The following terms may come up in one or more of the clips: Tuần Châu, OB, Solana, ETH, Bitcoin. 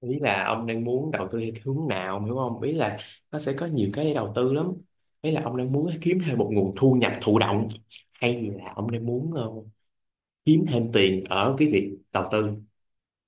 Ý là ông đang muốn đầu tư theo cái hướng nào, ông hiểu không? Ý là nó sẽ có nhiều cái để đầu tư lắm. Ý là ông đang muốn kiếm thêm một nguồn thu nhập thụ động hay là ông đang muốn kiếm thêm tiền ở cái việc đầu tư.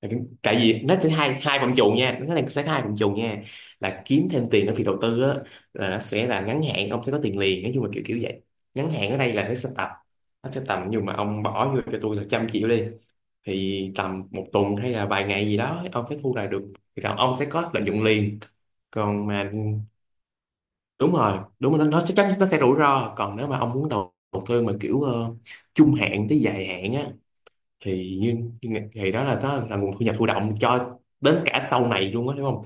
Tại vì nó sẽ hai hai phạm trù nha, nó sẽ có hai phạm trù nha. Là kiếm thêm tiền ở việc đầu tư á, là nó sẽ là ngắn hạn, ông sẽ có tiền liền, nói chung là kiểu kiểu vậy. Ngắn hạn ở đây là nó sẽ tập, nó sẽ tầm, nhưng mà ông bỏ vô cho tôi là trăm triệu đi, thì tầm một tuần hay là vài ngày gì đó ông sẽ thu lại được, thì còn ông sẽ có lợi nhuận liền. Còn mà đúng rồi, đúng rồi, nó sẽ rủi ro. Còn nếu mà ông muốn đầu tư mà kiểu trung hạn tới dài hạn á, thì như, thì đó là nguồn thu nhập thụ động cho đến cả sau này luôn á, hiểu không?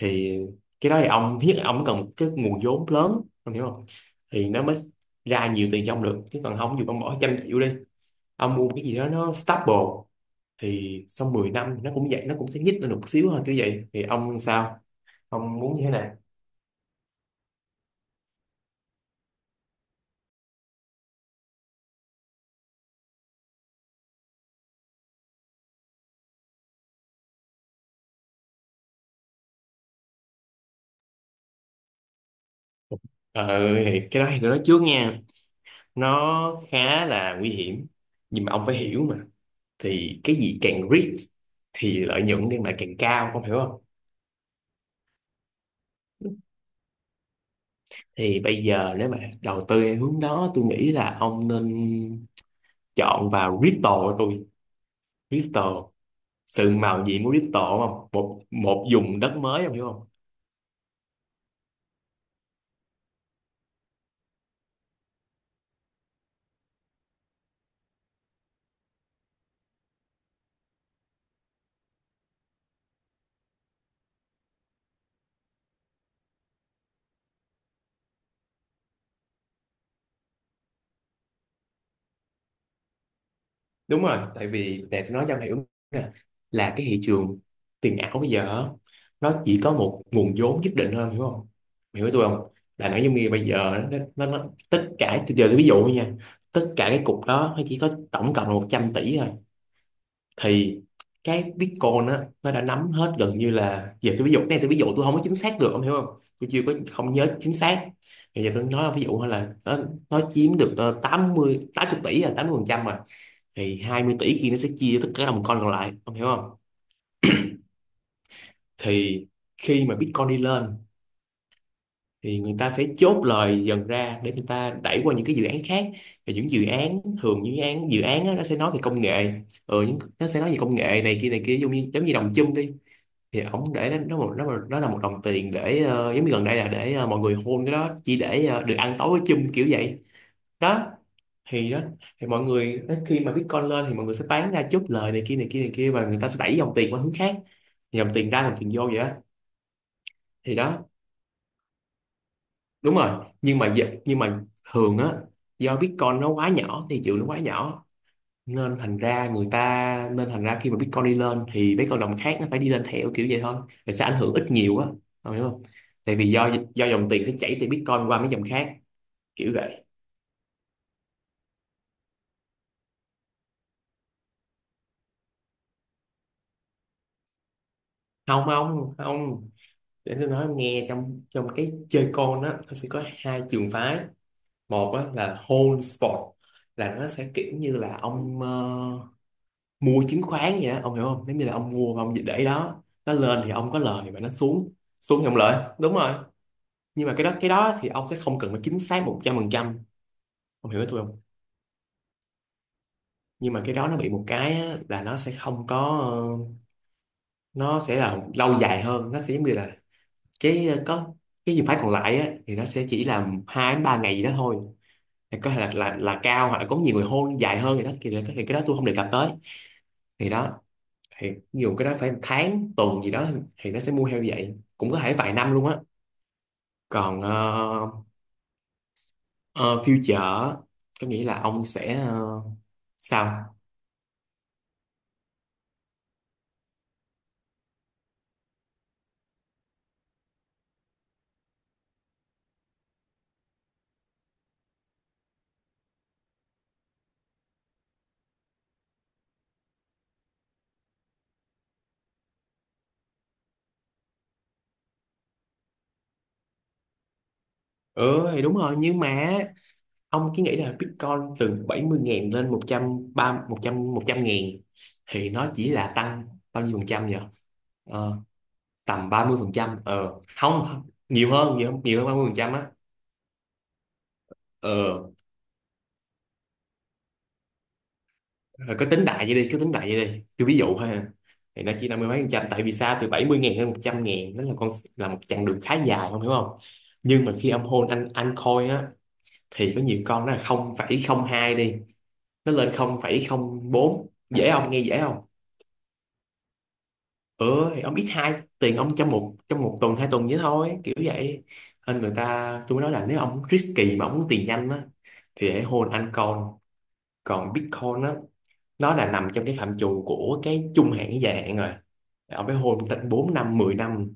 Thì cái đó thì ông thiết, ông cần một cái nguồn vốn lớn ông hiểu không, thì nó mới ra nhiều tiền cho ông được. Chứ còn không, dù ông bỏ trăm triệu đi, ông mua một cái gì đó nó stable, thì sau 10 năm nó cũng vậy, nó cũng sẽ nhích lên một xíu thôi kiểu vậy. Thì ông sao, ông muốn như thế nào? Ờ, thì cái đó thì tôi nói trước nha, nó khá là nguy hiểm, nhưng mà ông phải hiểu mà. Thì cái gì càng risk thì lợi nhuận đem lại càng cao, ông hiểu không? Thì bây giờ nếu mà đầu tư theo hướng đó, tôi nghĩ là ông nên chọn vào crypto của tôi. Crypto sừng màu gì của crypto không, một một vùng đất mới ông hiểu không? Đúng rồi, tại vì nè tôi nói cho mày đúng nè, là cái thị trường tiền ảo bây giờ á, nó chỉ có một nguồn vốn nhất định thôi, em hiểu không? Mày hiểu tôi không? Là nó giống như bây giờ nó tất cả, từ giờ tôi ví dụ thôi nha, tất cả cái cục đó nó chỉ có tổng cộng là 100 tỷ thôi. Thì cái Bitcoin á, nó đã nắm hết gần như là, giờ tôi ví dụ, cái này tôi ví dụ tôi không có chính xác được ông hiểu không, tôi chưa có không nhớ chính xác. Bây giờ tôi nói ví dụ thôi là nó chiếm được ờ, tám 80 tỷ, là 80 phần trăm rồi, thì 20 tỷ kia nó sẽ chia cho tất cả đồng coin còn lại, ông hiểu không? Thì khi mà Bitcoin đi lên thì người ta sẽ chốt lời dần ra để người ta đẩy qua những cái dự án khác. Và những dự án, thường những dự án á, nó sẽ nói về công nghệ. Ừ, những, nó sẽ nói về công nghệ này kia này kia, giống như đồng chum đi, thì ổng để nó, nó là một đồng tiền để giống như gần đây là để mọi người hôn, cái đó chỉ để được ăn tối với chum kiểu vậy. Đó. Thì đó, thì mọi người khi mà Bitcoin lên thì mọi người sẽ bán ra chốt lời này kia này kia này kia, và người ta sẽ đẩy dòng tiền qua hướng khác. Dòng tiền ra dòng tiền vô vậy đó. Thì đó, đúng rồi. Nhưng mà thường á, do Bitcoin nó quá nhỏ, thì chữ nó quá nhỏ, nên thành ra khi mà Bitcoin đi lên thì mấy con đồng khác nó phải đi lên theo kiểu vậy thôi, thì sẽ ảnh hưởng ít nhiều á. Ông hiểu không? Tại vì do dòng tiền sẽ chảy từ Bitcoin qua mấy dòng khác kiểu vậy. Không, không, không, để tôi nói em nghe, trong trong cái chơi con á, nó sẽ có hai trường phái. Một á, là whole sport, là nó sẽ kiểu như là ông mua chứng khoán vậy á, ông hiểu không? Giống như là ông mua và ông để đó, nó lên thì ông có lời và nó xuống, thì ông lợi, đúng rồi. Nhưng mà cái đó, cái đó thì ông sẽ không cần phải chính xác một trăm phần trăm, ông hiểu với tôi không? Nhưng mà cái đó nó bị một cái á, là nó sẽ không có ờ, nó sẽ là lâu dài hơn, nó sẽ giống như là cái có cái trường phái còn lại á, thì nó sẽ chỉ là hai đến ba ngày gì đó thôi, thì có thể là là cao, hoặc là có nhiều người hôn dài hơn. Thì đó thì cái đó tôi không đề cập tới. Thì đó, thì nhiều cái đó phải tháng tuần gì đó, thì nó sẽ mua heo như vậy, cũng có thể vài năm luôn á. Còn ờ, future có nghĩa là ông sẽ sao? Ừ thì đúng rồi, nhưng mà ông cứ nghĩ là Bitcoin từ bảy mươi ngàn lên một một trăm ba một trăm ngàn, thì nó chỉ là tăng bao nhiêu phần trăm nhỉ? Ờ, tầm ba mươi phần trăm. Ờ không không, Nhiều hơn, nhiều hơn, nhiều hơn 30 phần trăm á. Ờ. Rồi cứ tính đại vậy đi, cứ tính đại vậy đi. Tôi ví dụ ha. Thì nó chỉ 50 mấy phần trăm. Tại vì sao, từ 70 ngàn đến 100 ngàn đó là con, là một chặng đường khá dài không, hiểu không? Nhưng mà khi âm hôn anh coin á, thì có nhiều con nó là không phẩy không hai đi, nó lên không không phẩy không bốn. Dễ không? Nghe dễ không? Ừ, thì ông ít hai tiền ông trong một tuần hai tuần vậy thôi, kiểu vậy. Nên người ta, tôi mới nói là nếu ông risky mà ông muốn tiền nhanh á thì hãy hôn anh coin. Còn Bitcoin á, nó là nằm trong cái phạm trù của cái trung hạn với dài hạn rồi, ông phải hôn tận 4 năm 10 năm.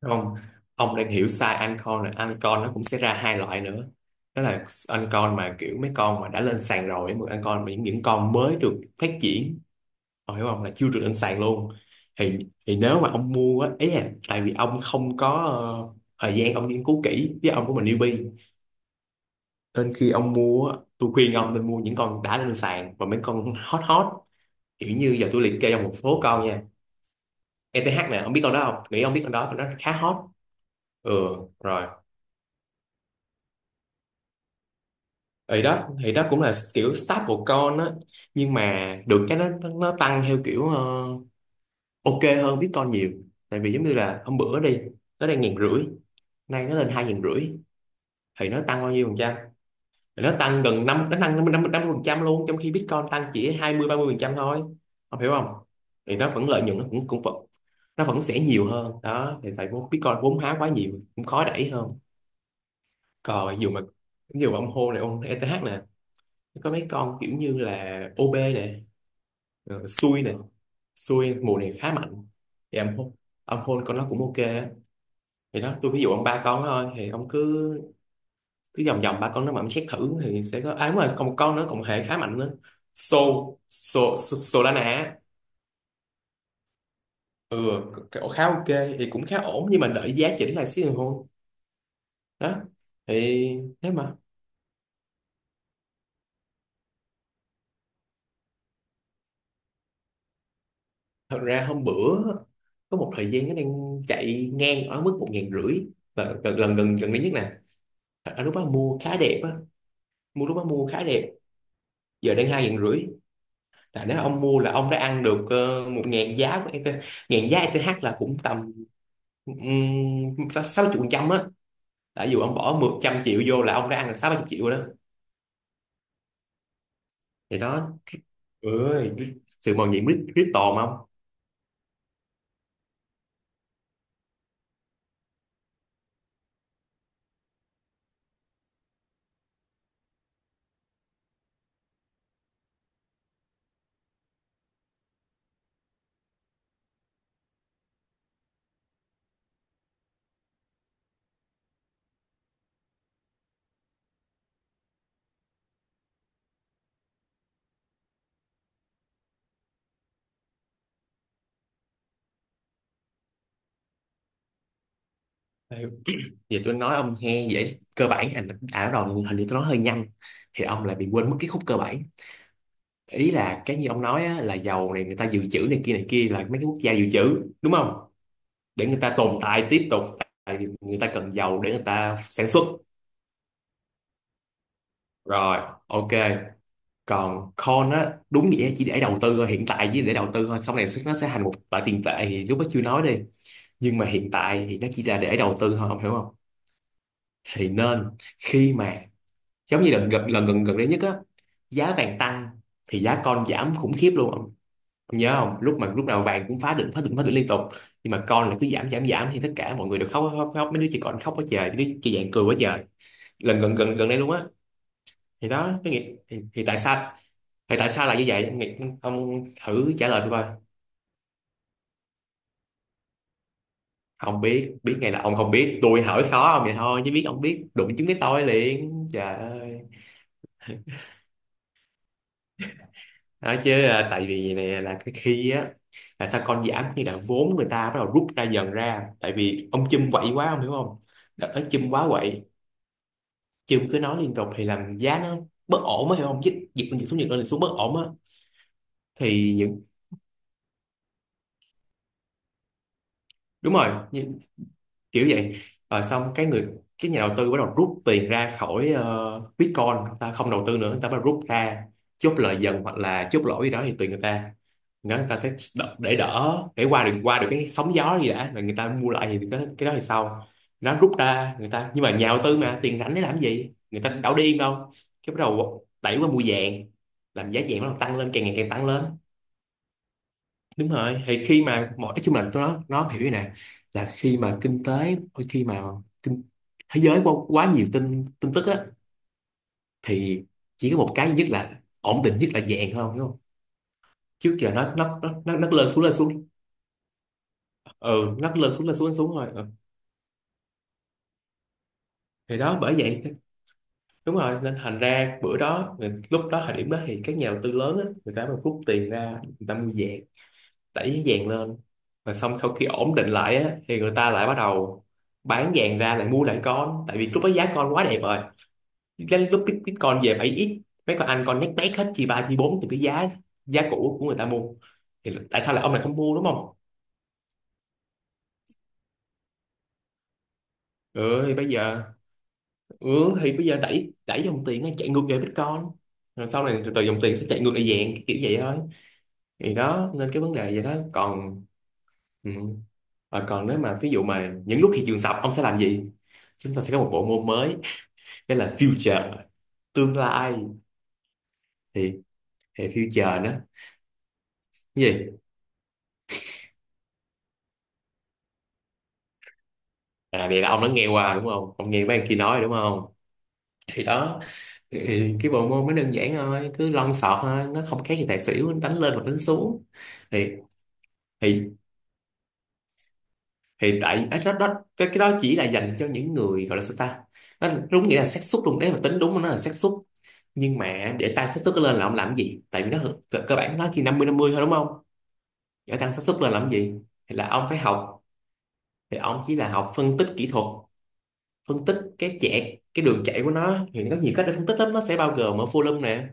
Không, ông đang hiểu sai anh con rồi, anh con nó cũng sẽ ra hai loại nữa. Đó là anh con mà kiểu mấy con mà đã lên sàn rồi, anh con mà những con mới được phát triển, ông hiểu không, là chưa được lên sàn luôn. thì thì nếu mà ông mua á, ý là tại vì ông không có thời gian ông nghiên cứu kỹ, với ông của mình newbie, nên khi ông mua á, tôi khuyên ông nên mua những con đã lên sàn và mấy con hot hot. Kiểu như giờ tôi liệt kê trong một số con nha. ETH nè, ông biết con đó không? Nghĩ ông biết con đó, con đó khá hot. Ừ rồi. Ý đó thì đó cũng là kiểu staple con á, nhưng mà được cái nó tăng theo kiểu ok, hơn Bitcoin nhiều. Tại vì giống như là hôm bữa đi, nó đang ngàn rưỡi, nay nó lên hai ngàn rưỡi. Thì nó tăng bao nhiêu phần trăm? Thì nó tăng gần năm, nó tăng năm năm phần trăm luôn, trong khi Bitcoin tăng chỉ hai mươi ba mươi phần trăm thôi, không hiểu không? Thì nó vẫn, lợi nhuận nó cũng cũng vẫn, nó vẫn sẽ nhiều hơn đó. Thì tại vốn Bitcoin vốn hóa quá nhiều cũng khó đẩy hơn. Còn dù mà, dù mà ông hô này, ông ETH này, có mấy con kiểu như là OB này, rồi xui này, xui mùa này khá mạnh, thì ông hôn con nó cũng ok á. Thì đó, tôi ví dụ ông ba con đó thôi, thì ông cứ, cứ vòng vòng ba con nó mà ông xét thử thì sẽ có. À đúng rồi, còn một con nữa, còn một hệ khá mạnh nữa. So so so Solana á. Ừ. Khá ok, thì cũng khá ổn, nhưng mà đợi giá chỉnh lại xíu rồi hôn. Đó thì nếu mà thật ra hôm bữa có một thời gian nó đang chạy ngang ở mức một ngàn rưỡi, lần gần gần gần gần đây nhất nè. Thật lúc đó mua khá đẹp á, mua lúc đó mua khá đẹp, giờ đang hai ngàn rưỡi. Là nếu ông mua là ông đã ăn được một ngàn giá của ETH. Ngàn giá ETH là cũng tầm sáu chục phần trăm á. Đã, dù ông bỏ một trăm triệu vô là ông đã ăn được sáu chục triệu rồi đó. Thì đó, ơi, sự màu nhiệm crypto mà ông. Đây, giờ tôi nói ông nghe vậy cơ bản, anh à, nó đòn hình như tôi nói hơi nhanh thì ông lại bị quên mất cái khúc cơ bản. Ý là cái như ông nói á, là dầu này người ta dự trữ này kia này kia, là mấy cái quốc gia dự trữ đúng không, để người ta tồn tại tiếp tục, tại vì người ta cần dầu để người ta sản xuất. Rồi, ok, còn coin á đúng nghĩa chỉ để đầu tư thôi, hiện tại chỉ để đầu tư thôi, sau này nó sẽ thành một loại tiền tệ thì lúc đó chưa nói đi, nhưng mà hiện tại thì nó chỉ là để đầu tư thôi, ông hiểu không. Thì nên khi mà, giống như lần gần gần đây nhất á, giá vàng tăng thì giá con giảm khủng khiếp luôn ông nhớ không, lúc mà lúc nào vàng cũng phá đỉnh phá đỉnh phá đỉnh liên tục, nhưng mà con là cứ giảm giảm giảm, thì tất cả mọi người đều khóc khóc. Mấy đứa chỉ còn khóc quá trời, mấy đứa trẻ vàng cười quá trời, gần gần gần gần đây luôn á. Thì đó cái nghĩ, thì tại sao, thì tại sao là như vậy? Em nghĩ, ông thử trả lời tôi coi. Không biết, biết ngày là ông không biết, tôi hỏi khó ông vậy thôi, chứ biết ông biết đụng trúng cái tôi liền, trời ơi. Nói chứ à, tại vì này là cái khi á, là sao con giảm, như là vốn người ta bắt đầu rút ra dần ra, tại vì ông Chum quậy quá, ông hiểu không, đợt đó Chum quá quậy, Chum cứ nói liên tục thì làm giá nó bất ổn á, hiểu không, dịch dịch lên dịch xuống lên dịch xuống bất ổn á. Thì những Đúng rồi, kiểu vậy. Rồi xong cái người, cái nhà đầu tư bắt đầu rút tiền ra khỏi Bitcoin, người ta không đầu tư nữa, người ta bắt đầu rút ra, chốt lời dần hoặc là chốt lỗ gì đó thì tùy người ta. Người ta sẽ để đỡ, để qua được cái sóng gió gì đã, rồi người ta mua lại, thì cái đó thì sau nó rút ra người ta, nhưng mà nhà đầu tư mà tiền rảnh để làm cái gì, người ta đâu điên đâu. Cái bắt đầu đẩy qua mua vàng, làm giá vàng bắt đầu tăng lên, càng ngày càng tăng lên. Đúng rồi, thì khi mà mọi, nói chung là nó hiểu như này, là khi mà kinh tế, khi mà kinh, thế giới quá nhiều tin tin tức á, thì chỉ có một cái duy nhất là ổn định nhất là vàng thôi, đúng không. Trước giờ nó nó lên xuống lên xuống. Ừ, nó lên xuống lên xuống lên xuống thôi. Ừ. Thì đó bởi vậy. Đúng rồi, nên thành ra bữa đó, lúc đó thời điểm đó thì các nhà đầu tư lớn á người ta mới rút tiền ra, người ta mua vàng, đẩy vàng lên. Và xong sau khi ổn định lại á, thì người ta lại bắt đầu bán vàng ra, lại mua lại con, tại vì lúc đó giá con quá đẹp rồi. Cái lúc Bitcoin về bảy x, mấy con anh con nhét nhét hết, chi ba chi bốn từ cái giá, giá cũ của người ta mua, thì tại sao lại ông này không mua, đúng không. Ừ thì bây giờ, ừ thì bây giờ đẩy, đẩy dòng tiền nó chạy ngược về Bitcoin, rồi sau này từ từ dòng tiền sẽ chạy ngược lại vàng, kiểu vậy thôi. Thì đó nên cái vấn đề vậy đó. Còn ừ, và còn nếu mà ví dụ mà những lúc thị trường sập ông sẽ làm gì? Chúng ta sẽ có một bộ môn mới, đó là future, tương lai. Thì thì future đó. Cái gì? À vậy là ông đã nghe qua đúng không? Ông nghe mấy anh kia nói đúng không? Thì đó, thì cái bộ môn nó đơn giản thôi, cứ lon sọt thôi, nó không khác gì tài xỉu, đánh lên hoặc đánh xuống. Thì thì thì tại ấy, đó, đó, cái đó chỉ là dành cho những người gọi là sao ta, nó đúng nghĩa là xác suất luôn đấy, mà tính đúng nó là xác suất. Nhưng mà để tăng xác suất lên là ông làm cái gì, tại vì nó cơ cơ bản nó chỉ năm mươi thôi đúng không. Để tăng xác suất lên làm cái gì, thì là ông phải học. Thì ông chỉ là học phân tích kỹ thuật, phân tích cái chạy, cái đường chạy của nó, thì nó có nhiều cách để phân tích lắm, nó sẽ bao gồm ở volume nè,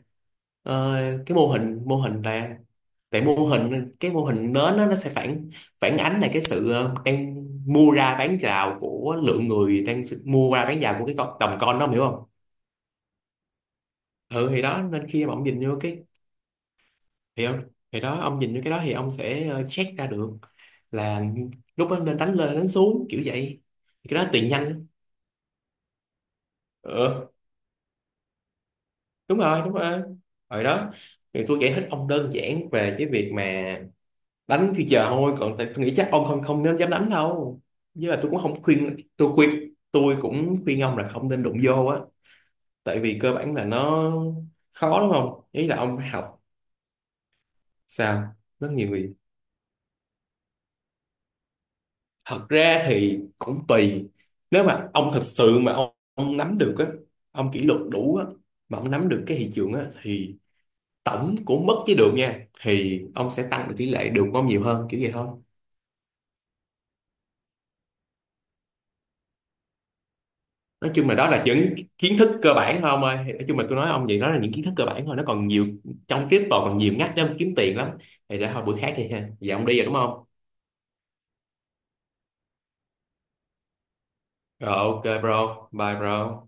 ờ, cái mô hình, mô hình nè, tại mô hình, cái mô hình nến á, nó sẽ phản phản ánh lại cái sự đang mua ra bán rào của lượng người đang mua ra bán rào của cái con, đồng coin đó, ông hiểu không. Ừ thì đó, nên khi mà ông nhìn vô cái, thì ông, thì đó ông nhìn vô cái đó thì ông sẽ check ra được là lúc đó nên đánh lên đánh xuống kiểu vậy. Thì cái đó tiền nhanh lắm. Ừ, đúng rồi đúng rồi, rồi đó. Thì tôi giải thích ông đơn giản về cái việc mà đánh thì chờ thôi, còn tại tôi nghĩ chắc ông không không nên dám đánh đâu, với là tôi cũng không khuyên, tôi cũng khuyên ông là không nên đụng vô á, tại vì cơ bản là nó khó, đúng không, ý là ông phải học. Sao, rất nhiều người, thật ra thì cũng tùy, nếu mà ông thật sự mà ông nắm được á, ông kỷ luật đủ á, mà ông nắm được cái thị trường á, thì tổng của mất với được nha, thì ông sẽ tăng được tỷ lệ được của ông nhiều hơn, kiểu vậy thôi. Nói chung là đó là những kiến thức cơ bản thôi ông ơi. Thì nói chung là tôi nói ông vậy, đó là những kiến thức cơ bản thôi, nó còn nhiều, trong crypto còn nhiều ngách để ông kiếm tiền lắm. Thì để thôi bữa khác đi ha, giờ ông đi rồi đúng không. Rồi ok bro, bye bro.